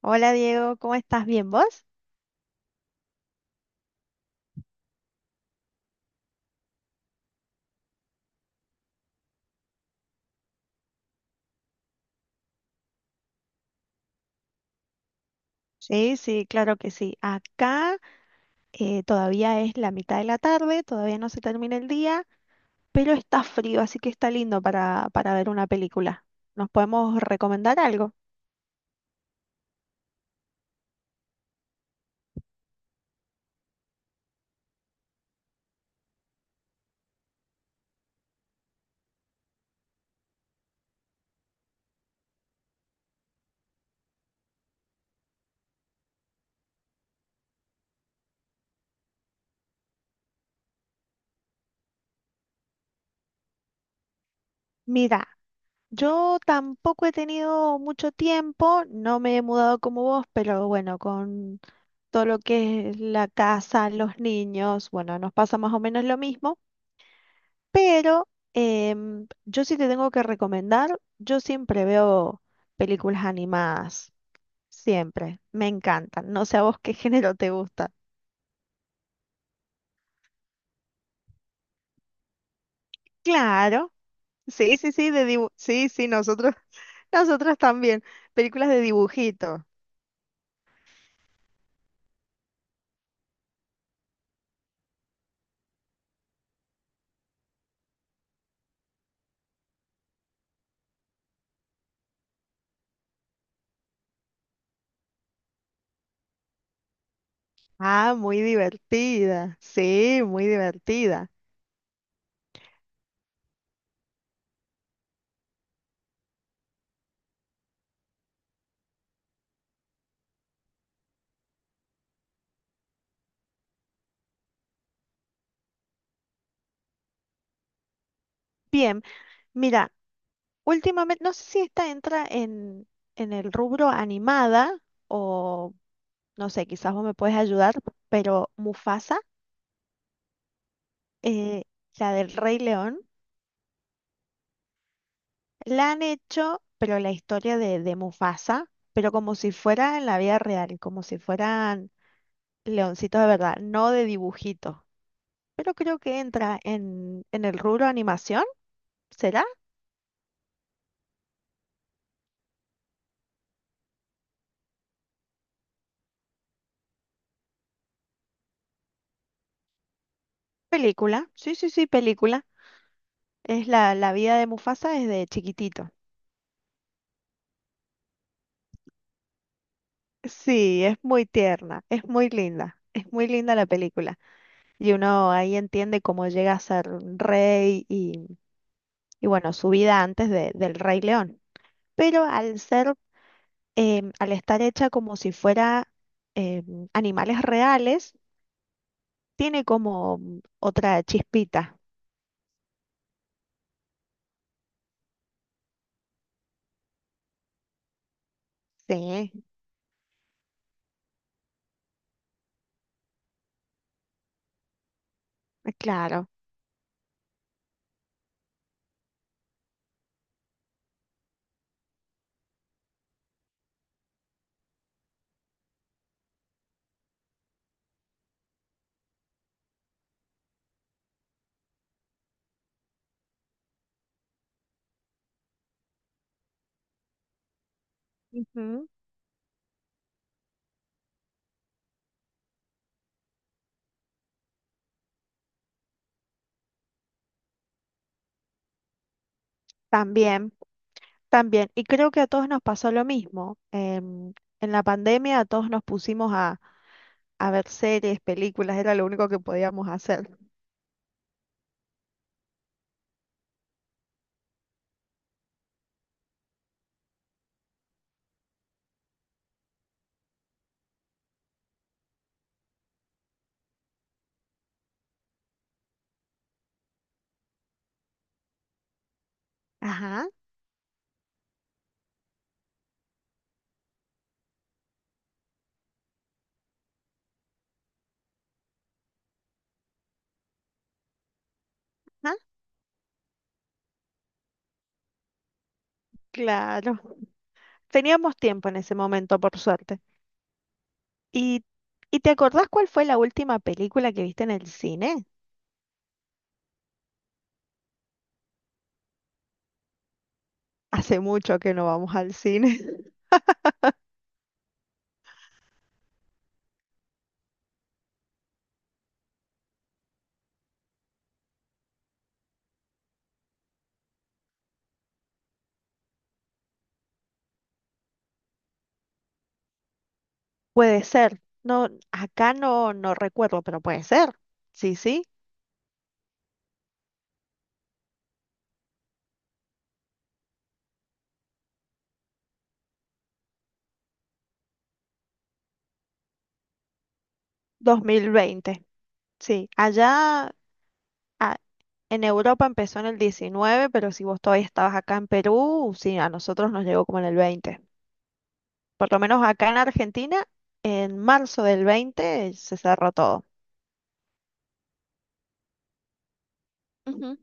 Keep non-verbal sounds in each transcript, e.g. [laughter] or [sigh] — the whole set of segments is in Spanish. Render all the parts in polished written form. Hola Diego, ¿cómo estás? ¿Bien vos? Sí, sí, claro que sí. Acá todavía es la mitad de la tarde, todavía no se termina el día, pero está frío, así que está lindo para ver una película. ¿Nos podemos recomendar algo? Mira, yo tampoco he tenido mucho tiempo, no me he mudado como vos, pero bueno, con todo lo que es la casa, los niños, bueno, nos pasa más o menos lo mismo. Pero yo sí te tengo que recomendar, yo siempre veo películas animadas, siempre, me encantan. No sé a vos qué [laughs] género te gusta. Claro, sí, sí, sí, sí, sí, nosotros, [laughs] nosotros también, películas de dibujito. Ah, muy divertida, sí, muy divertida. Bien, mira, últimamente, no sé si esta en el rubro animada o, no sé, quizás vos me puedes ayudar, pero Mufasa. eh, la del Rey León, la han hecho, pero la de Mufasa, pero como si fuera en la vida real, como si fueran leoncitos de verdad, no de dibujito. Pero creo que en el rubro animación, ¿será? Película, sí, sí, sí, película. Es la vida de Mufasa desde chiquitito. Sí, es muy tierna, es muy linda la película. Y uno ahí entiende cómo llega a ser rey y bueno, su vida del Rey León. Pero al estar hecha como si fuera animales reales, tiene como otra chispita. Sí, claro. Ujú. También, también. Y creo que a todos nos pasó lo mismo. En la pandemia a todos nos pusimos a ver series, películas, era lo único que podíamos hacer. Ajá, ajá, claro. Teníamos tiempo en ese momento, por suerte. ¿Y, y te acordás cuál fue la última película que viste en el cine? Hace mucho que no vamos al cine. [laughs] Puede ser. No, acá no recuerdo, pero puede ser. Sí, sí. 2020. Sí. Allá ah, en Europa empezó en el 19, pero si vos todavía estabas acá en Perú, sí, a nosotros nos llegó como en el 20. Por lo menos acá en Argentina, en marzo del 20 se cerró todo. Ujú.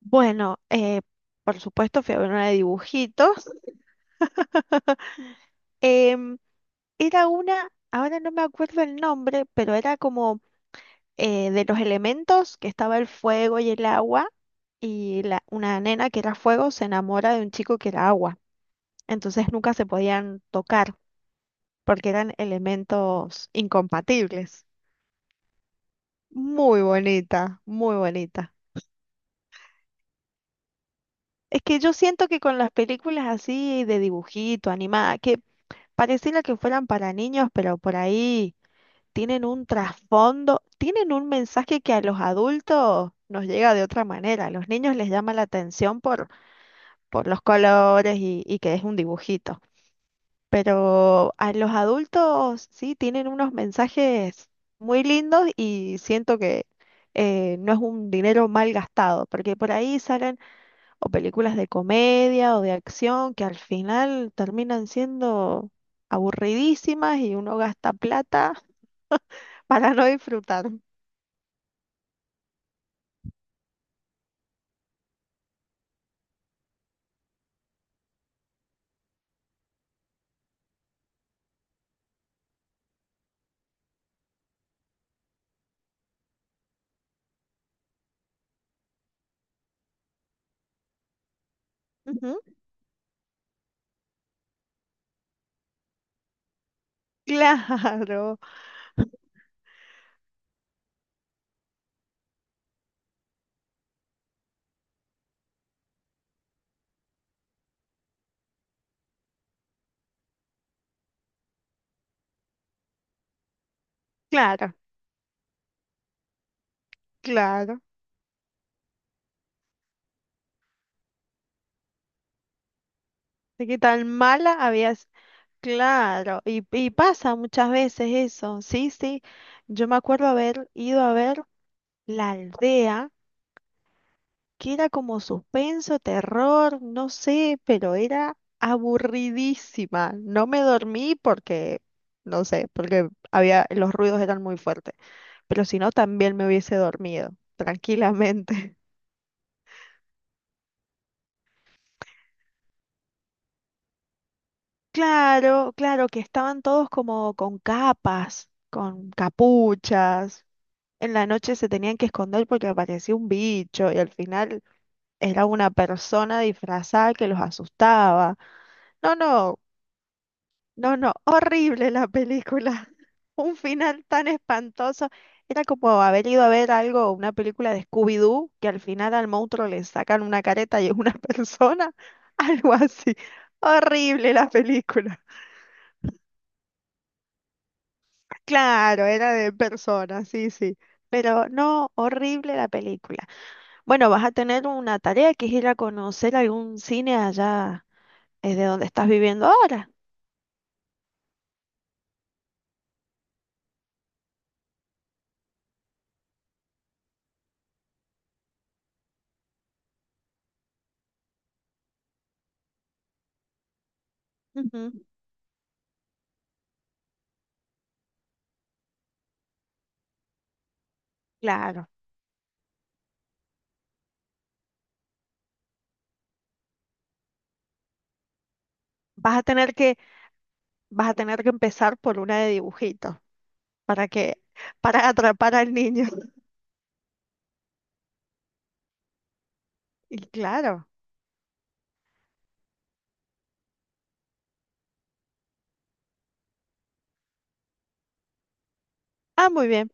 Bueno, por supuesto fui a ver una de dibujitos. [laughs] Em, Era una, ahora no me acuerdo el nombre, pero era como de los elementos que estaba el fuego y el agua, y una nena que era fuego se enamora de un chico que era agua. Entonces nunca se podían tocar porque eran elementos incompatibles. Muy bonita, muy bonita. Es que yo siento que con las películas así de dibujito, animada, que pareciera que fueran para niños, pero por ahí tienen un trasfondo, tienen un mensaje que a los adultos nos llega de otra manera. A los niños les llama la atención por los colores y que es un dibujito. Pero a los adultos sí tienen unos mensajes muy lindos y siento que no es un dinero mal gastado, porque por ahí salen o películas de comedia o de acción que al final terminan siendo aburridísimas y uno gasta plata [laughs] para no disfrutar. Ujú. Claro, claro, claro. De qué tan mala habías. Claro, y pasa muchas veces eso. Sí, sí. Yo me acuerdo haber ido a ver La Aldea, que era como suspenso, terror, no sé, pero era aburridísima. No me dormí porque, no sé, porque los ruidos eran muy fuertes. Pero si no, también me hubiese dormido, tranquilamente. Claro, claro, que estaban todos como con capas, con capuchas. En la noche se tenían que esconder porque aparecía un bicho y al final era una persona disfrazada que los asustaba. No, no, no, no, horrible la película. [laughs] Un final tan espantoso. Era como haber ido a ver algo, una película de Scooby-Doo, que al final al monstruo le sacan una careta y es una [laughs] persona. Algo así. Horrible la película. Claro, era de persona, sí, sí. Pero no, horrible la película. Bueno, vas a tener una tarea que es ir a conocer algún cine allá, es de donde estás viviendo ahora. Ujú, claro. Vas a tener que, vas a tener que empezar por una de dibujitos para que, para atrapar al niño. [laughs] Y claro. Ah, muy bien.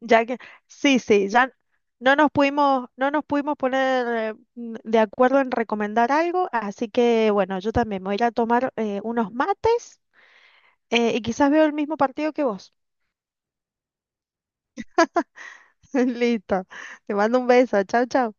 Ya que, sí, sí, ya no nos pudimos, no nos pudimos poner de acuerdo en recomendar algo, así que bueno, yo también me voy a ir a tomar unos mates y quizás veo el mismo partido que vos. [laughs] Listo, te mando un beso, chao, chao.